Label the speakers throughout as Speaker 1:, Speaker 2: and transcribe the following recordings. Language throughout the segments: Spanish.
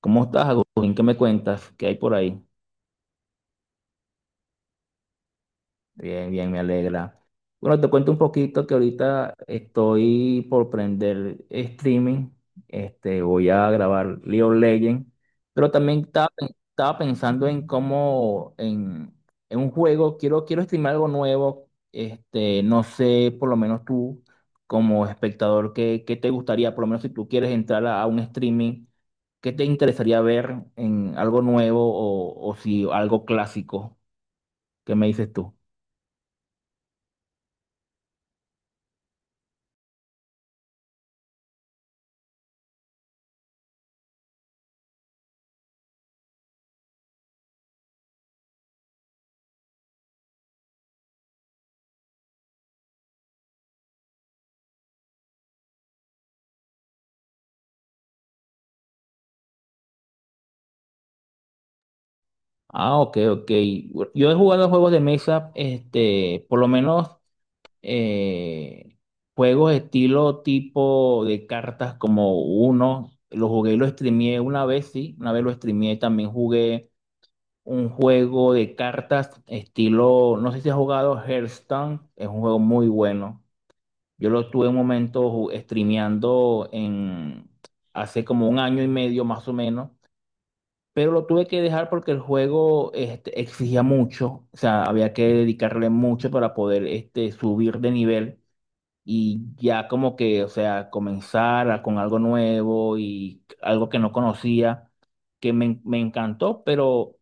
Speaker 1: ¿Cómo estás, Agustín? ¿Qué me cuentas? ¿Qué hay por ahí? Bien, bien, me alegra. Bueno, te cuento un poquito que ahorita estoy por prender streaming. Voy a grabar League of Legends, pero también estaba pensando en en un juego, quiero streamar algo nuevo. No sé, por lo menos tú, como espectador, ¿ qué te gustaría? Por lo menos si tú quieres entrar a un streaming, ¿qué te interesaría ver en algo nuevo o si algo clásico? ¿Qué me dices tú? Ah, ok, ok. Yo he jugado juegos de mesa, este, por lo menos eh, juegos estilo tipo de cartas como uno. Lo jugué y lo streameé una vez, sí, una vez lo streameé. También jugué un juego de cartas estilo, no sé si has jugado Hearthstone, es un juego muy bueno. Yo lo tuve un momento streameando en hace como un año y medio más o menos, pero lo tuve que dejar porque el juego este exigía mucho. O sea, había que dedicarle mucho para poder, este, subir de nivel y ya como que, o sea, con algo nuevo y algo que no conocía, que me encantó, pero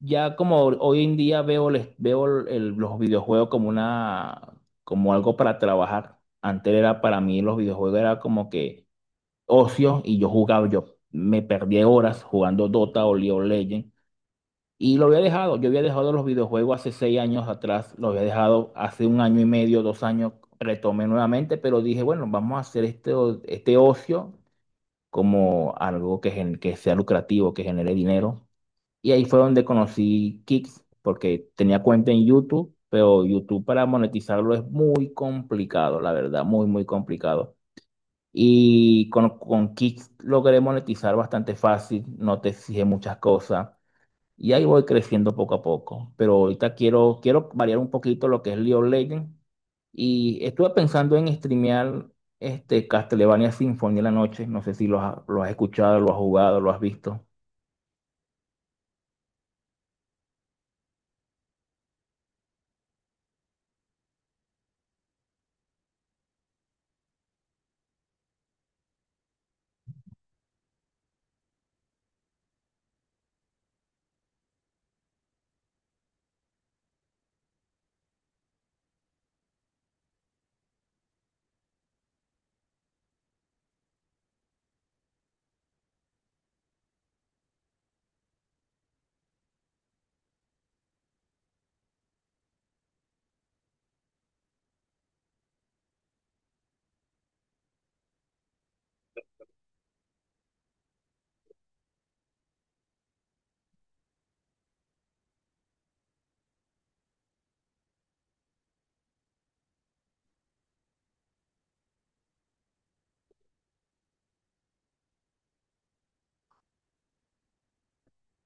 Speaker 1: ya, como hoy en día veo, les veo los videojuegos como una, como algo para trabajar. Antes era para mí, los videojuegos era como que ocio y yo jugaba, yo me perdía horas jugando Dota o League of Legends, y lo había dejado. Yo había dejado los videojuegos hace seis años atrás, lo había dejado hace un año y medio, dos años, retomé nuevamente, pero dije, bueno, vamos a hacer este, este ocio como algo que, que sea lucrativo, que genere dinero. Y ahí fue donde conocí Kicks, porque tenía cuenta en YouTube, pero YouTube para monetizarlo es muy complicado, la verdad, muy, muy complicado. Y con Kicks logré monetizar bastante fácil, no te exige muchas cosas. Y ahí voy creciendo poco a poco. Pero ahorita quiero variar un poquito lo que es League of Legends. Y estuve pensando en streamear este Castlevania Symphony en la noche. No sé si lo has, lo has escuchado, lo has jugado, lo has visto.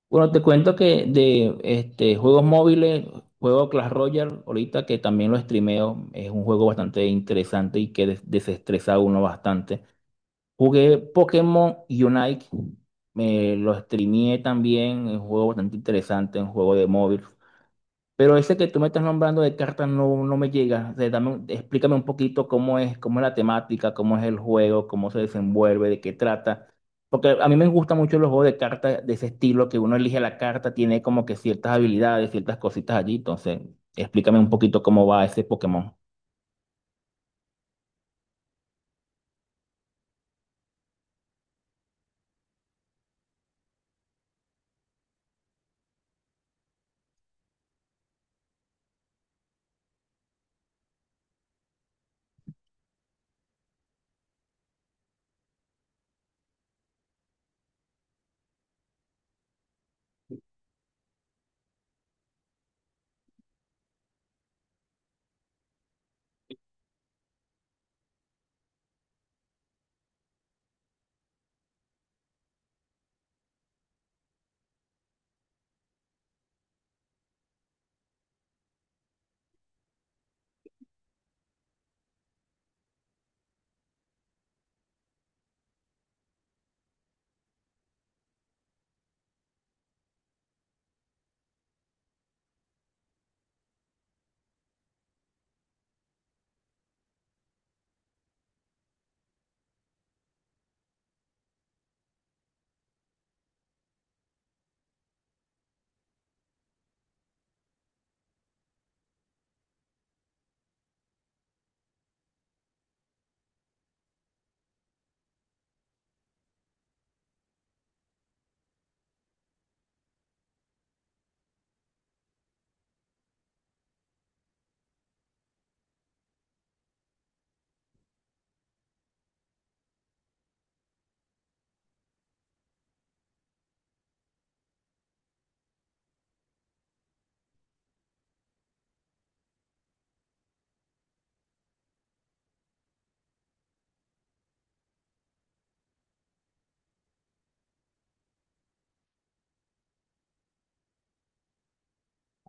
Speaker 1: Bueno, te cuento que de este, juegos móviles, juego Clash Royale, ahorita que también lo streameo, es un juego bastante interesante y que desestresa a uno bastante. Jugué Pokémon Unite, me lo streameé también, es un juego bastante interesante, un juego de móvil. Pero ese que tú me estás nombrando de cartas no, no me llega. O sea, explícame un poquito cómo es la temática, cómo es el juego, cómo se desenvuelve, de qué trata. Porque a mí me gustan mucho los juegos de cartas de ese estilo, que uno elige la carta, tiene como que ciertas habilidades, ciertas cositas allí. Entonces, explícame un poquito cómo va ese Pokémon.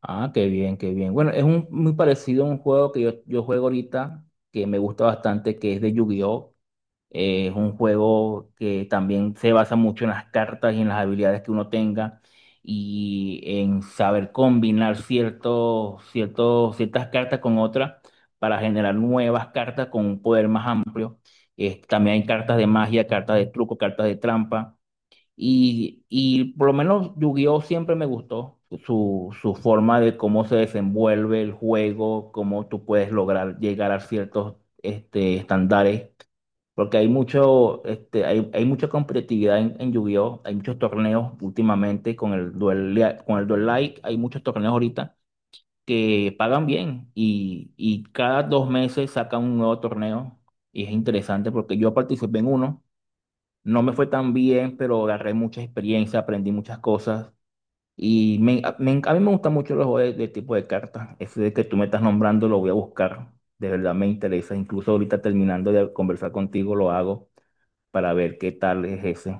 Speaker 1: Ah, qué bien, qué bien. Bueno, es un, muy parecido a un juego que yo juego ahorita, que me gusta bastante, que es de Yu-Gi-Oh! Es un juego que también se basa mucho en las cartas y en las habilidades que uno tenga y en saber combinar ciertas cartas con otras para generar nuevas cartas con un poder más amplio. También hay cartas de magia, cartas de truco, cartas de trampa. Y por lo menos Yu-Gi-Oh! Siempre me gustó su forma de cómo se desenvuelve el juego, cómo tú puedes lograr llegar a ciertos, este, estándares, porque hay mucho, este, hay mucha competitividad en Yu-Gi-Oh! Hay muchos torneos últimamente con el con el Duel Like, hay muchos torneos ahorita que pagan bien y cada dos meses sacan un nuevo torneo y es interesante porque yo participé en uno, no me fue tan bien, pero agarré mucha experiencia, aprendí muchas cosas a mí me gustan mucho los juegos de tipo de cartas. Ese de que tú me estás nombrando lo voy a buscar, de verdad me interesa, incluso ahorita terminando de conversar contigo lo hago para ver qué tal es ese.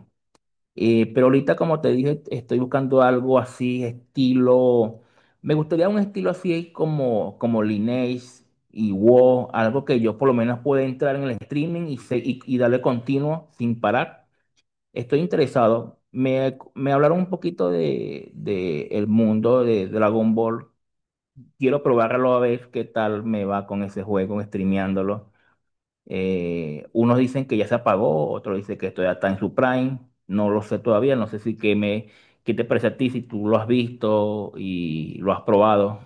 Speaker 1: Pero ahorita, como te dije, estoy buscando algo así, estilo. Me gustaría un estilo así como Lineage y WoW, algo que yo por lo menos pueda entrar en el streaming y darle continuo sin parar. Estoy interesado. Me hablaron un poquito de el mundo de Dragon Ball. Quiero probarlo a ver qué tal me va con ese juego, streameándolo. Unos dicen que ya se apagó, otros dicen que esto ya está en su prime. No lo sé todavía, no sé si que me, qué te parece a ti, si tú lo has visto y lo has probado.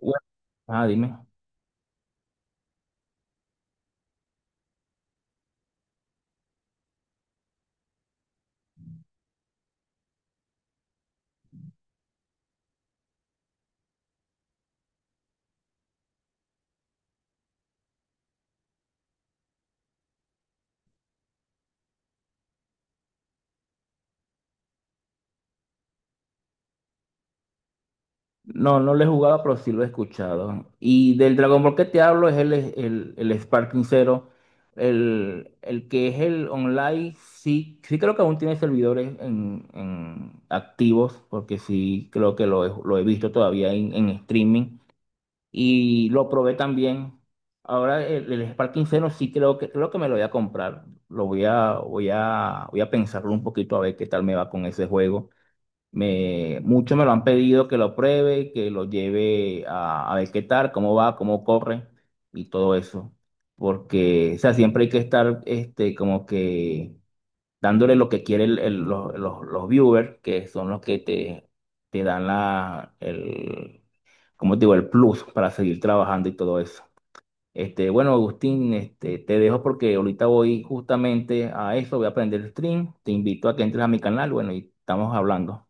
Speaker 1: Bueno, ah, dime. No, no lo he jugado, pero sí lo he escuchado. Y del Dragon Ball que te hablo es el Sparking Zero. El que es el online, sí, sí creo que aún tiene servidores en activos, porque sí creo que lo he visto todavía en streaming. Y lo probé también. Ahora el Spark 0 sí creo que me lo voy a comprar. Lo voy a pensarlo un poquito a ver qué tal me va con ese juego. Me muchos me lo han pedido que lo pruebe, que lo lleve a ver qué tal, cómo va, cómo corre y todo eso. Porque, o sea, siempre hay que estar este como que dándole lo que quiere los, los viewers, que son los que te dan el, ¿cómo te digo? El plus para seguir trabajando y todo eso. Este, bueno, Agustín, este, te dejo porque ahorita voy justamente a eso, voy a aprender stream, te invito a que entres a mi canal, bueno, y estamos hablando.